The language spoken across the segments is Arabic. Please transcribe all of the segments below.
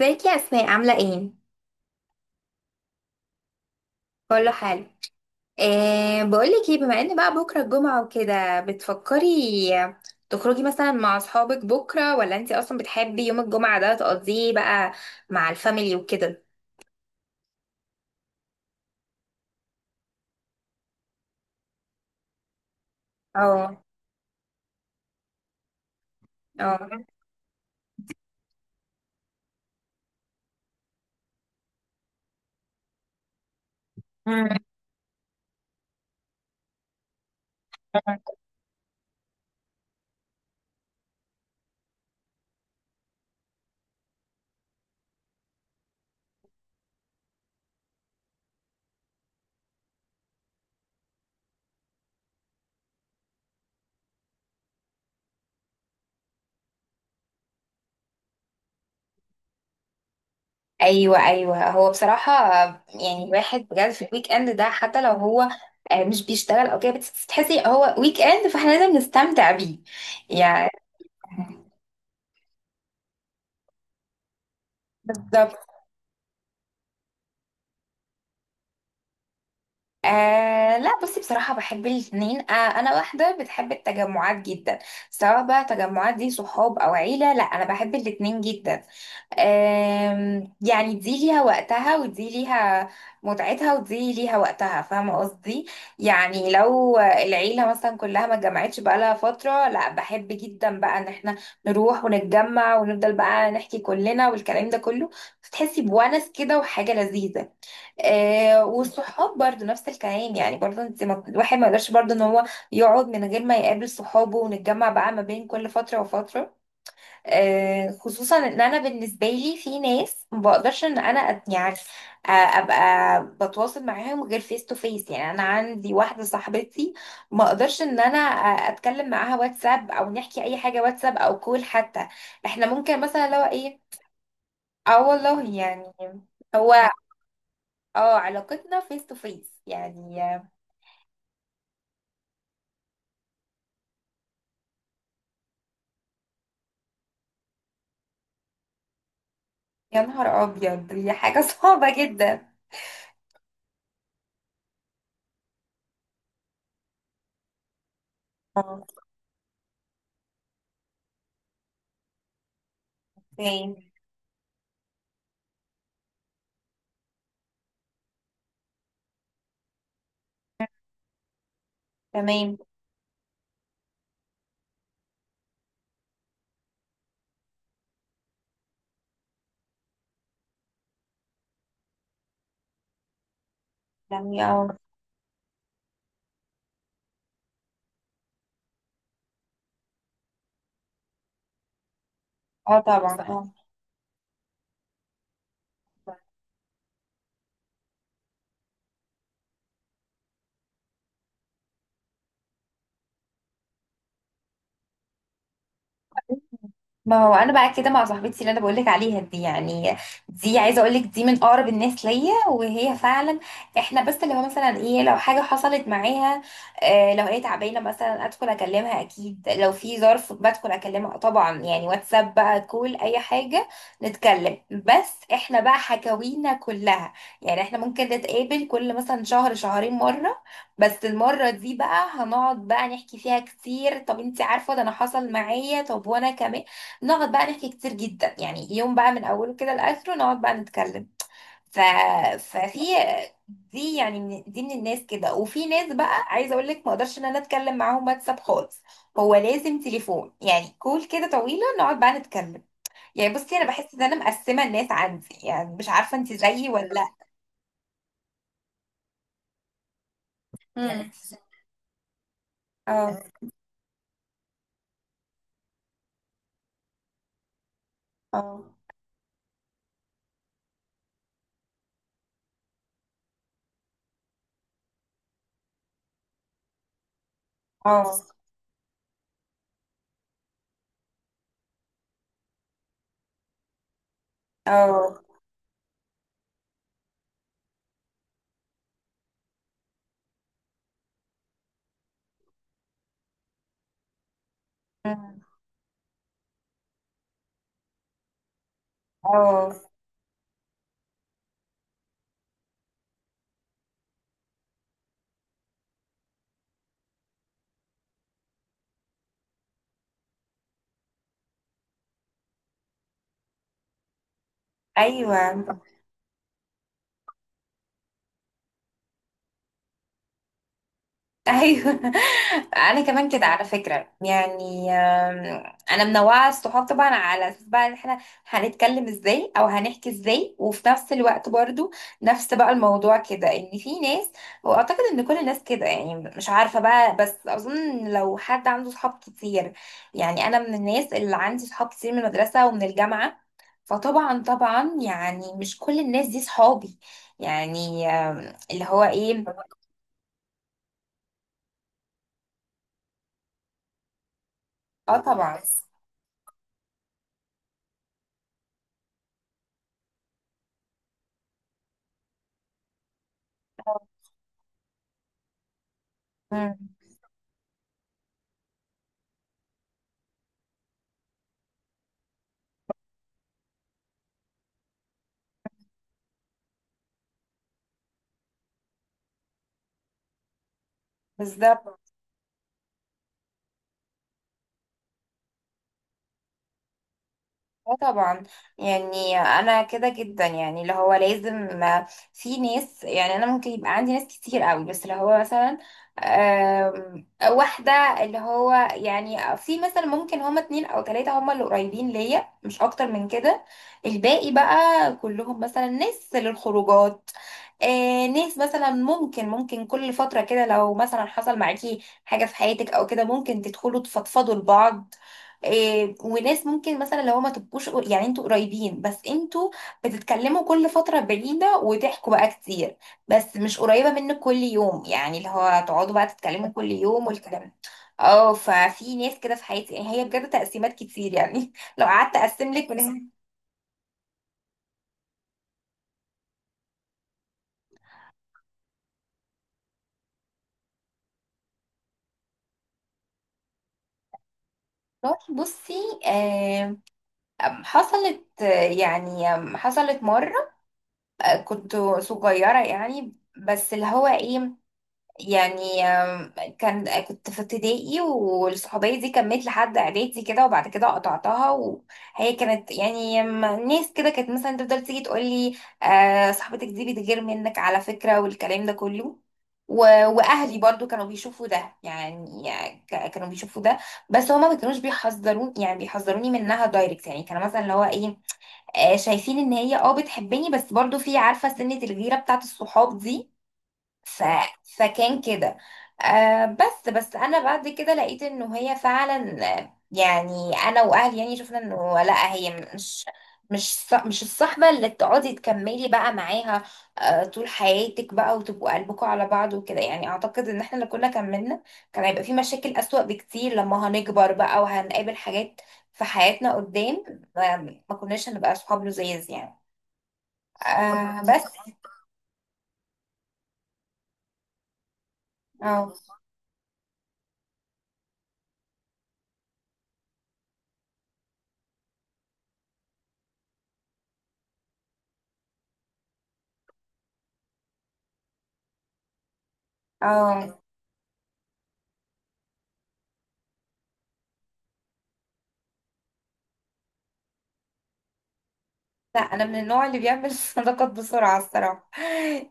ازيك يا اسماء، عامله ايه؟ كله حلو. بقولك ايه، بما ان بقى بكره الجمعه وكده، بتفكري تخرجي مثلا مع اصحابك بكره، ولا انتي اصلا بتحبي يوم الجمعه ده تقضيه بقى مع الفاميلي وكده؟ اه. اه. ايوه، ايوه، هو بصراحه يعني الواحد بجد في الويك اند ده، حتى لو هو مش بيشتغل او كده، بس تحسي هو ويك اند فاحنا لازم نستمتع بيه يعني. بالظبط. آه لا بصي، بصراحة بحب الاتنين. أنا واحدة بتحب التجمعات جدا، سواء بقى تجمعات دي صحاب أو عيلة، لا أنا بحب الاتنين جدا. يعني دي ليها وقتها ودي ليها متعتها ودي ليها وقتها، فاهمة قصدي؟ يعني لو العيلة مثلا كلها ما اتجمعتش بقالها فترة، لا بحب جدا بقى ان احنا نروح ونتجمع ونفضل بقى نحكي كلنا والكلام ده كله، فتحسي بونس كده وحاجة لذيذة. آه، والصحاب برضو نفس الكلام، يعني برضو انت، ما الواحد ما يقدرش برضو ان هو يقعد من غير ما يقابل صحابه، ونتجمع بقى ما بين كل فترة وفترة. آه، خصوصا ان انا بالنسبة لي في ناس ما بقدرش ان انا يعني ابقى بتواصل معاهم غير فيس تو فيس، يعني انا عندي واحدة صاحبتي ما اقدرش ان انا اتكلم معاها واتساب، او نحكي اي حاجة واتساب او كول حتى، احنا ممكن مثلا لو ايه. اه، والله يعني. هو. اه، علاقتنا فيس تو فيس يعني. يا نهار ابيض، دي حاجه صعبه جدا. اه. اوكي، تمام يعني. اه. اه، طبعا. اه، ما هو انا بقى كده مع صاحبتي اللي انا بقولك عليها دي يعني، دي عايزه اقولك، دي من اقرب الناس ليا وهي فعلا، احنا بس اللي هو مثلا ايه لو حاجه حصلت معاها، آه لو هي تعبانه مثلا ادخل اكلمها، اكيد لو في ظرف بدخل اكلمها طبعا يعني، واتساب بقى كول اي حاجه نتكلم، بس احنا بقى حكاوينا كلها، يعني احنا ممكن نتقابل كل مثلا شهر شهرين مره، بس المرة دي بقى هنقعد بقى نحكي فيها كتير، طب انتي عارفة ده انا حصل معايا، طب وانا كمان نقعد بقى نحكي كتير جدا، يعني يوم بقى من اوله كده لاخره نقعد بقى نتكلم. ف... ففي دي من الناس كده، وفي ناس بقى عايزه اقول لك ما اقدرش ان انا اتكلم معاهم واتساب خالص، هو لازم تليفون يعني، كول كده طويله نقعد بقى نتكلم. يعني بصي، انا بحس ان انا مقسمه الناس عندي، يعني مش عارفه انت زيي ولا لا. امم. اه. اه. اه. اه. أمم. اه. ايوه، ايوه انا كمان كده على فكره يعني انا منوعه الصحاب طبعا، على اساس بقى ان احنا هنتكلم ازاي او هنحكي ازاي، وفي نفس الوقت برضو نفس بقى الموضوع كده ان في ناس، واعتقد ان كل الناس كده يعني، مش عارفه بقى، بس اظن إن لو حد عنده صحاب كتير، يعني انا من الناس اللي عندي صحاب كتير من المدرسه ومن الجامعه، فطبعا طبعا يعني مش كل الناس دي صحابي، يعني اللي هو ايه. اه، طبعا. بالظبط. اه، طبعا، يعني انا كده جدا، يعني اللي هو لازم في ناس، يعني انا ممكن يبقى عندي ناس كتير قوي، بس اللي هو مثلا واحدة، اللي هو يعني في مثلا ممكن هما اتنين او تلاتة هما اللي قريبين ليا مش اكتر من كده، الباقي بقى كلهم مثلا ناس للخروجات، ناس مثلا ممكن ممكن كل فترة كده لو مثلا حصل معاكي حاجة في حياتك او كده ممكن تدخلوا تفضفضوا لبعض، إيه وناس ممكن مثلا لو ما تبقوش يعني انتوا قريبين، بس انتوا بتتكلموا كل فترة بعيدة وتحكوا بقى كتير، بس مش قريبة منك كل يوم، يعني اللي هو تقعدوا بقى تتكلموا كل يوم والكلام ده. اه، ففي ناس كده في حياتي يعني، هي بجد تقسيمات كتير يعني لو قعدت اقسم لك من هنا للصبح. بصي، آه، حصلت، يعني حصلت مرة، كنت صغيرة يعني، بس اللي هو ايه، يعني كان كنت في ابتدائي، والصحوبية دي كملت لحد اعدادي كده، وبعد كده قطعتها، وهي كانت يعني ناس كده كانت مثلا تفضل تيجي تقول لي آه صاحبتك دي بتغير منك على فكرة والكلام ده كله. و... واهلي برضو كانوا بيشوفوا ده يعني، كانوا بيشوفوا ده، بس هما ما كانوش بيحذرون يعني بيحذروني منها دايركت، يعني كانوا مثلا اللي هو ايه شايفين ان هي بتحبني، بس برضو في، عارفة سنة الغيرة بتاعت الصحاب دي. ف... فكان كده. بس انا بعد كده لقيت انه هي فعلا، يعني انا واهلي يعني شفنا انه لا هي مش مش مش الصحبة اللي تقعدي تكملي بقى معاها طول حياتك بقى وتبقوا قلبكم على بعض وكده، يعني اعتقد ان احنا لو كنا كملنا كان هيبقى في مشاكل اسوأ بكتير لما هنكبر بقى وهنقابل حاجات في حياتنا قدام، ما كناش هنبقى صحاب لزيز يعني. آه، بس. اه. اه، لا انا من النوع اللي بيعمل صداقات بسرعه الصراحه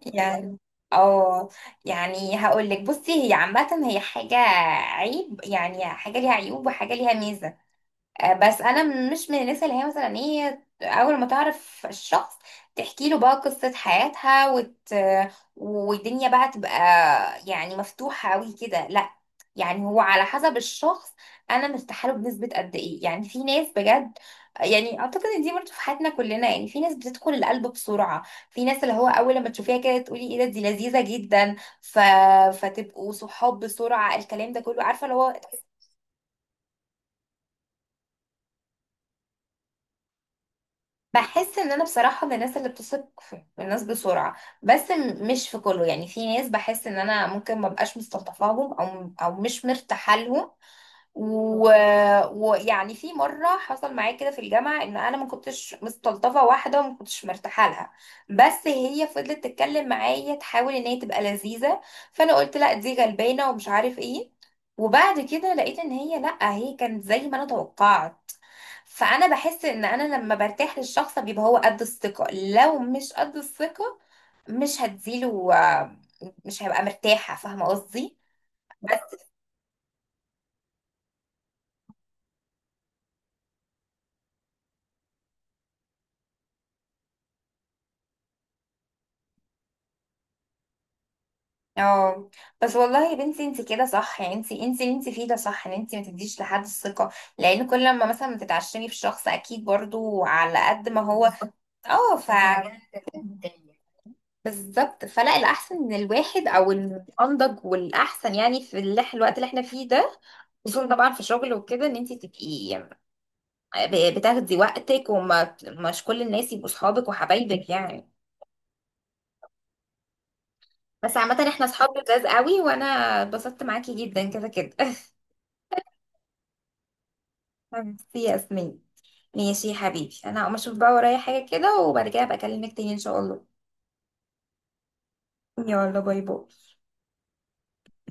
يعني. اه، يعني هقول لك، بصي هي عامه، هي حاجه عيب يعني، حاجه ليها عيوب وحاجه ليها ميزه، بس انا مش من الناس اللي هي مثلا ايه اول ما تعرف الشخص تحكي له بقى قصة حياتها والدنيا بقى تبقى يعني مفتوحة قوي كده، لا يعني هو على حسب الشخص، انا مرتاحه له بنسبة قد ايه، يعني في ناس بجد، يعني اعتقد ان دي برضه في حياتنا كلنا، يعني في ناس بتدخل القلب بسرعة، في ناس اللي هو اول لما تشوفيها كده تقولي ايه ده، دي لذيذة جدا، فتبقوا صحاب بسرعة، الكلام ده كله، عارفة اللي هو بحس ان انا بصراحة من الناس اللي بتثق في الناس بسرعة، بس مش في كله، يعني في ناس بحس ان انا ممكن ما بقاش مستلطفاهم او مش مرتاحة لهم. و- ويعني في مرة حصل معايا كده في الجامعة ان انا ما كنتش مستلطفة واحدة وما كنتش مرتاحة لها، بس هي فضلت تتكلم معايا، تحاول ان هي تبقى لذيذة، فانا قلت لا دي غلبانة ومش عارف ايه، وبعد كده لقيت ان هي لا، هي كانت زي ما انا توقعت، فانا بحس ان انا لما برتاح للشخص بيبقى هو قد الثقة، لو مش قد الثقة مش هديله، مش هبقى مرتاحة، فاهمة قصدي؟ بس. اه، بس والله يا بنتي انت كده صح، يعني انت اللي انت فيه ده صح، ان انت ما تديش لحد الثقة، لان كل لما مثلا بتتعشمي في شخص اكيد برضو على قد ما هو. اه، بالظبط، فلا الاحسن ان الواحد، او الانضج والاحسن يعني في الوقت اللي احنا فيه ده، خصوصا طبعا في شغل وكده، ان انت تبقي بتاخدي وقتك، ومش كل الناس يبقوا صحابك وحبايبك يعني. بس عامة احنا صحاب لذاذ قوي، وانا اتبسطت معاكي جدا كده كده ميرسي يا ياسمين. ماشي يا حبيبي، انا هقوم اشوف بقى ورايا حاجة كده، وبعد كده ابقى اكلمك تاني ان شاء الله. يلا، باي باي.